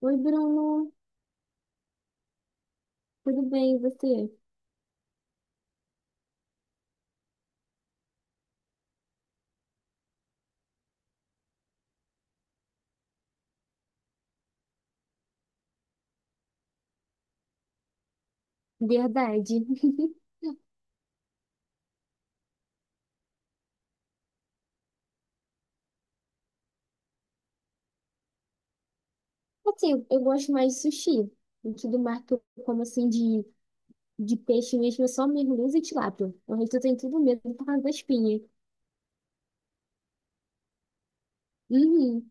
Oi, Bruno. Tudo bem, e você? Verdade. Assim, eu gosto mais de sushi. O que do mar que eu como assim de peixe mesmo é só merluza e tilápia. O resto eu tenho tudo medo por causa da espinha. Uhum.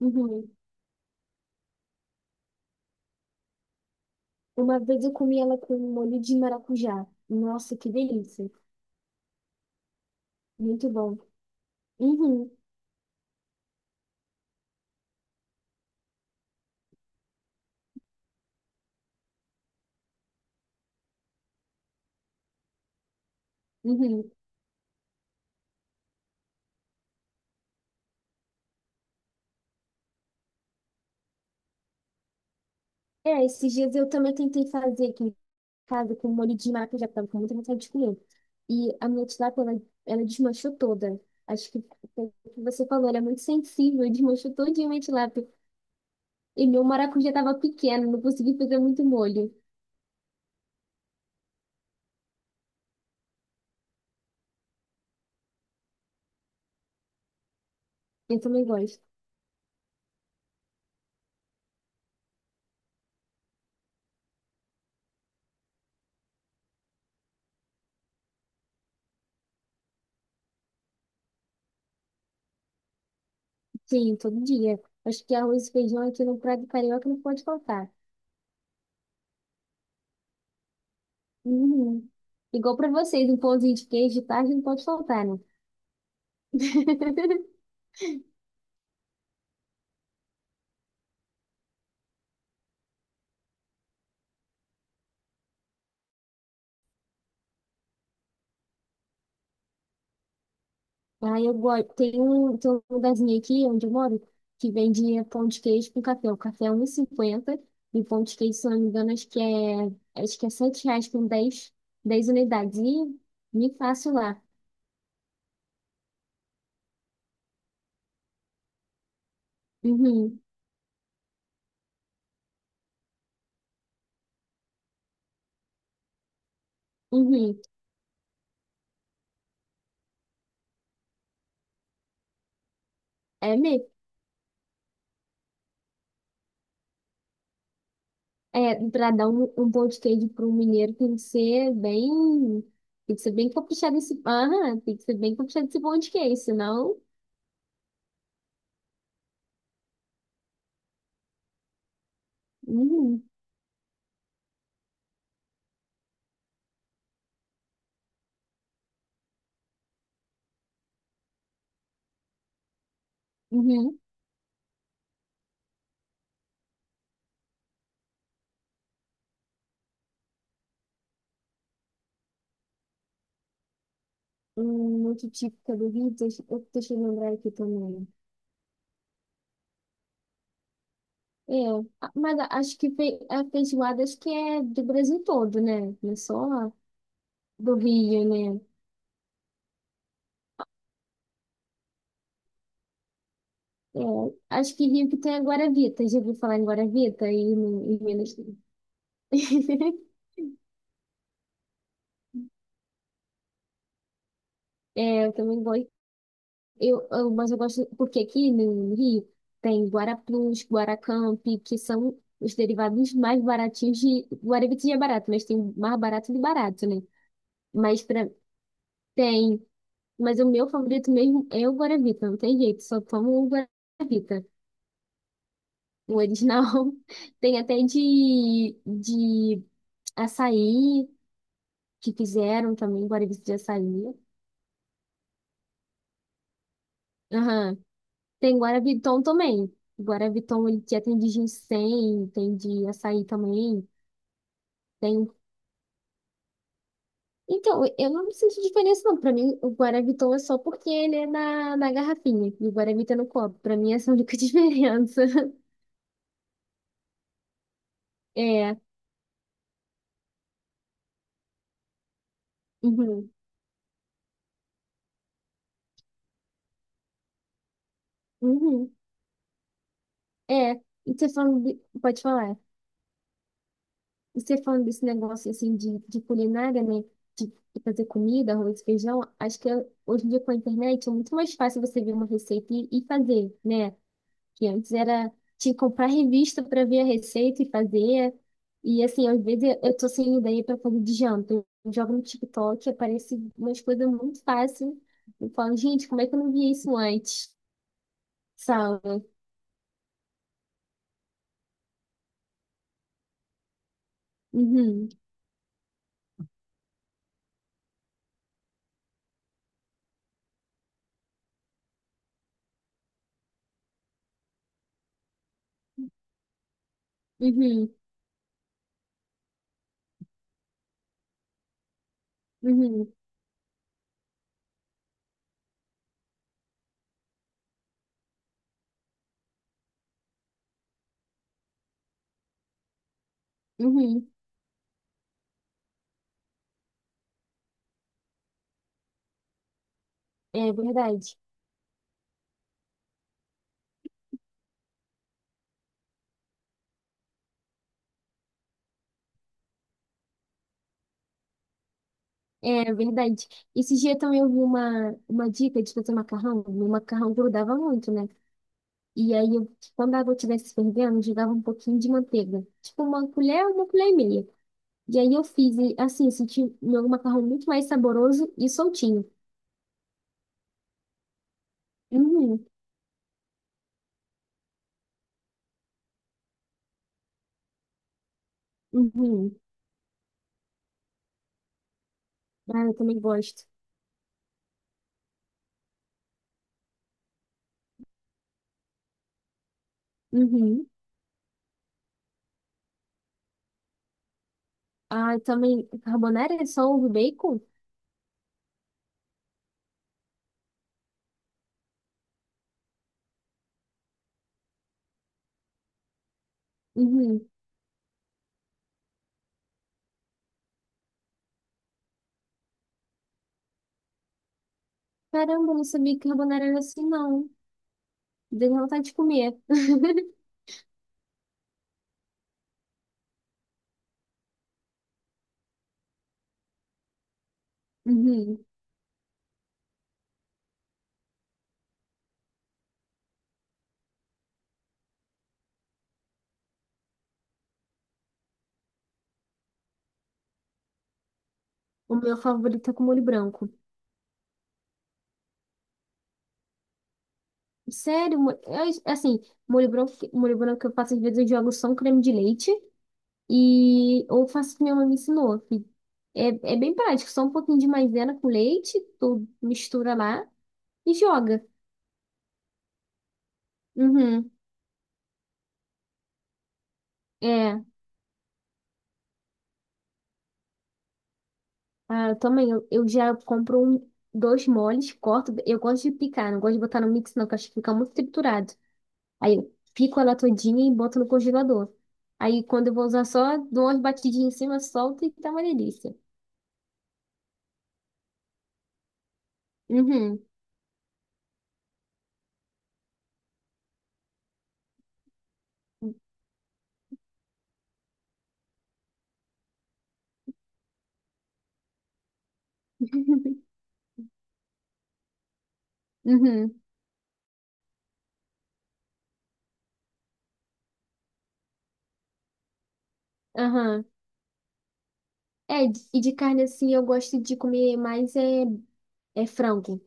uhum. Uma vez eu comi ela com molho de maracujá. Nossa, que delícia. Muito bom. Uhum, uhum. É, esses dias eu também tentei fazer aqui casa com molho de maracujá, que tava com muita vontade de comer. E a minha tilápia, ela desmanchou toda. Acho que foi o que você falou, ela é muito sensível, desmanchou todinha a minha tilápia. E meu maracujá tava pequeno, não consegui fazer muito molho. Eu também gosto. Sim, todo dia. Acho que arroz e feijão aqui no prato carioca não pode faltar. Uhum. Igual pra vocês, um pãozinho de queijo de tarde não pode faltar, né? Aí eu gosto. Tem tem um lugarzinho aqui onde eu moro que vende pão de queijo com café. O café é 1,50 e cinquenta e o pão de queijo, se eu não me engano, acho que é R$ 7 com 10 10 unidades. E me faço lá. Uhum. uhum. É mesmo. É, pra dar um pão de queijo para um mineiro tem que ser bem. Tem que ser bem caprichado esse. Aham, tem que ser bem caprichado esse pão de queijo, senão. Uhum, uhum. Um outro típico do Rio, deixa eu lembrar aqui também. Eu, a- mas a- acho que a feijoada acho que é do Brasil todo, né? Não é só do Rio, né? É, acho que Rio que tem a Guaravita. Já ouviu falar em Guaravita aí no, em Minas? É, eu também gosto. Mas eu gosto porque aqui no Rio tem Guaraplus, Guaracamp, que são os derivados mais baratinhos de Guaravita já é barato, mas tem o mais barato de barato, né? Mas pra, tem Mas o meu favorito mesmo é o Guaravita, não tem jeito, só tomo o Guaravita. O original tem até de açaí, que fizeram também, Guaravita de açaí. Aham. Tem Guaraviton também. Guaraviton ele já tem de ginseng, tem de açaí também. Tem... um, Então, eu não sinto diferença não. Pra mim, o Guaraviton é só porque ele é na garrafinha e o Guaravita é no copo. Pra mim, essa é a única diferença. É. Uhum. Uhum. É, pode falar. E você falando desse negócio assim de culinária, né? De fazer comida, arroz, feijão, acho que hoje em dia com a internet é muito mais fácil você ver uma receita e fazer, né? Que antes era, tinha que comprar revista para ver a receita e fazer. E assim, às vezes eu tô sem ideia para fazer de janta. Eu jogo no TikTok, aparece umas coisas muito fáceis. Eu falo, gente, como é que eu não vi isso antes? Sabe? Uhum. uhum, uhum, uhum. É verdade. É verdade. Esse dia também eu vi uma dica de fazer macarrão. Meu macarrão grudava muito, né? E aí, eu, quando a água estivesse fervendo, eu jogava um pouquinho de manteiga. Tipo, uma colher e meia. E aí eu fiz, e, assim, eu senti meu macarrão muito mais saboroso e soltinho. Uhum, uhum. Ah, eu também gosto. Uhum. Ah, eu também, carbonara é só ovo e bacon? Uhum. Caramba, eu não sabia que carbonara era assim, não. Deu vontade de comer. Uhum. O meu favorito é com molho branco. Sério, é assim, molho branco que eu faço, às vezes eu jogo só um creme de leite e ou faço o que minha mãe me ensinou. Que É, é bem prático, só um pouquinho de maisena com leite, tu mistura lá e joga. Uhum. É, ah, eu também, eu já compro um, dois moles, corto, eu gosto de picar, não gosto de botar no mix não, que eu acho que fica muito triturado. Aí eu pico ela todinha e boto no congelador. Aí quando eu vou usar só, dou umas batidinhas em cima, solto e tá uma delícia. Uhum. Uhum. Aham. É, e de carne assim, eu gosto de comer mais é frango.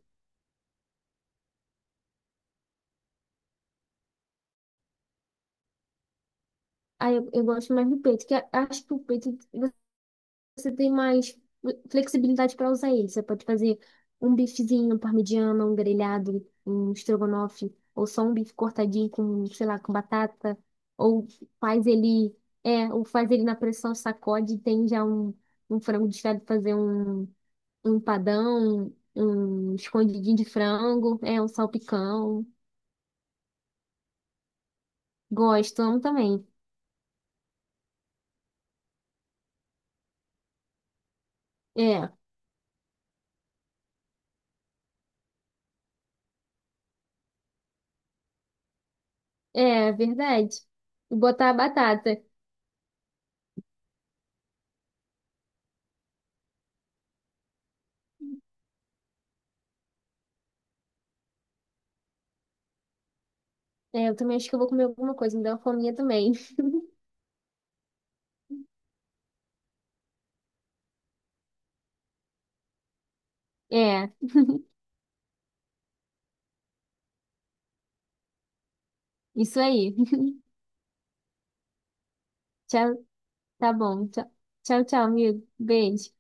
Eu gosto mais do peito, acho que o peito você tem mais flexibilidade para usar ele. Você pode fazer um bifezinho, um parmegiana, um grelhado, um estrogonofe, ou só um bife cortadinho com, sei lá, com batata, ou faz ou faz ele na pressão, sacode e tem já um frango desfiado, fazer um empadão, um escondidinho de frango, é, um salpicão. Gosto, amo também. É, é verdade. E botar a batata. É, eu também acho que eu vou comer alguma coisa, me deu uma fominha também. É. Isso aí. Tchau, tá bom. Tchau, tchau, tchau, amigo. Beijo.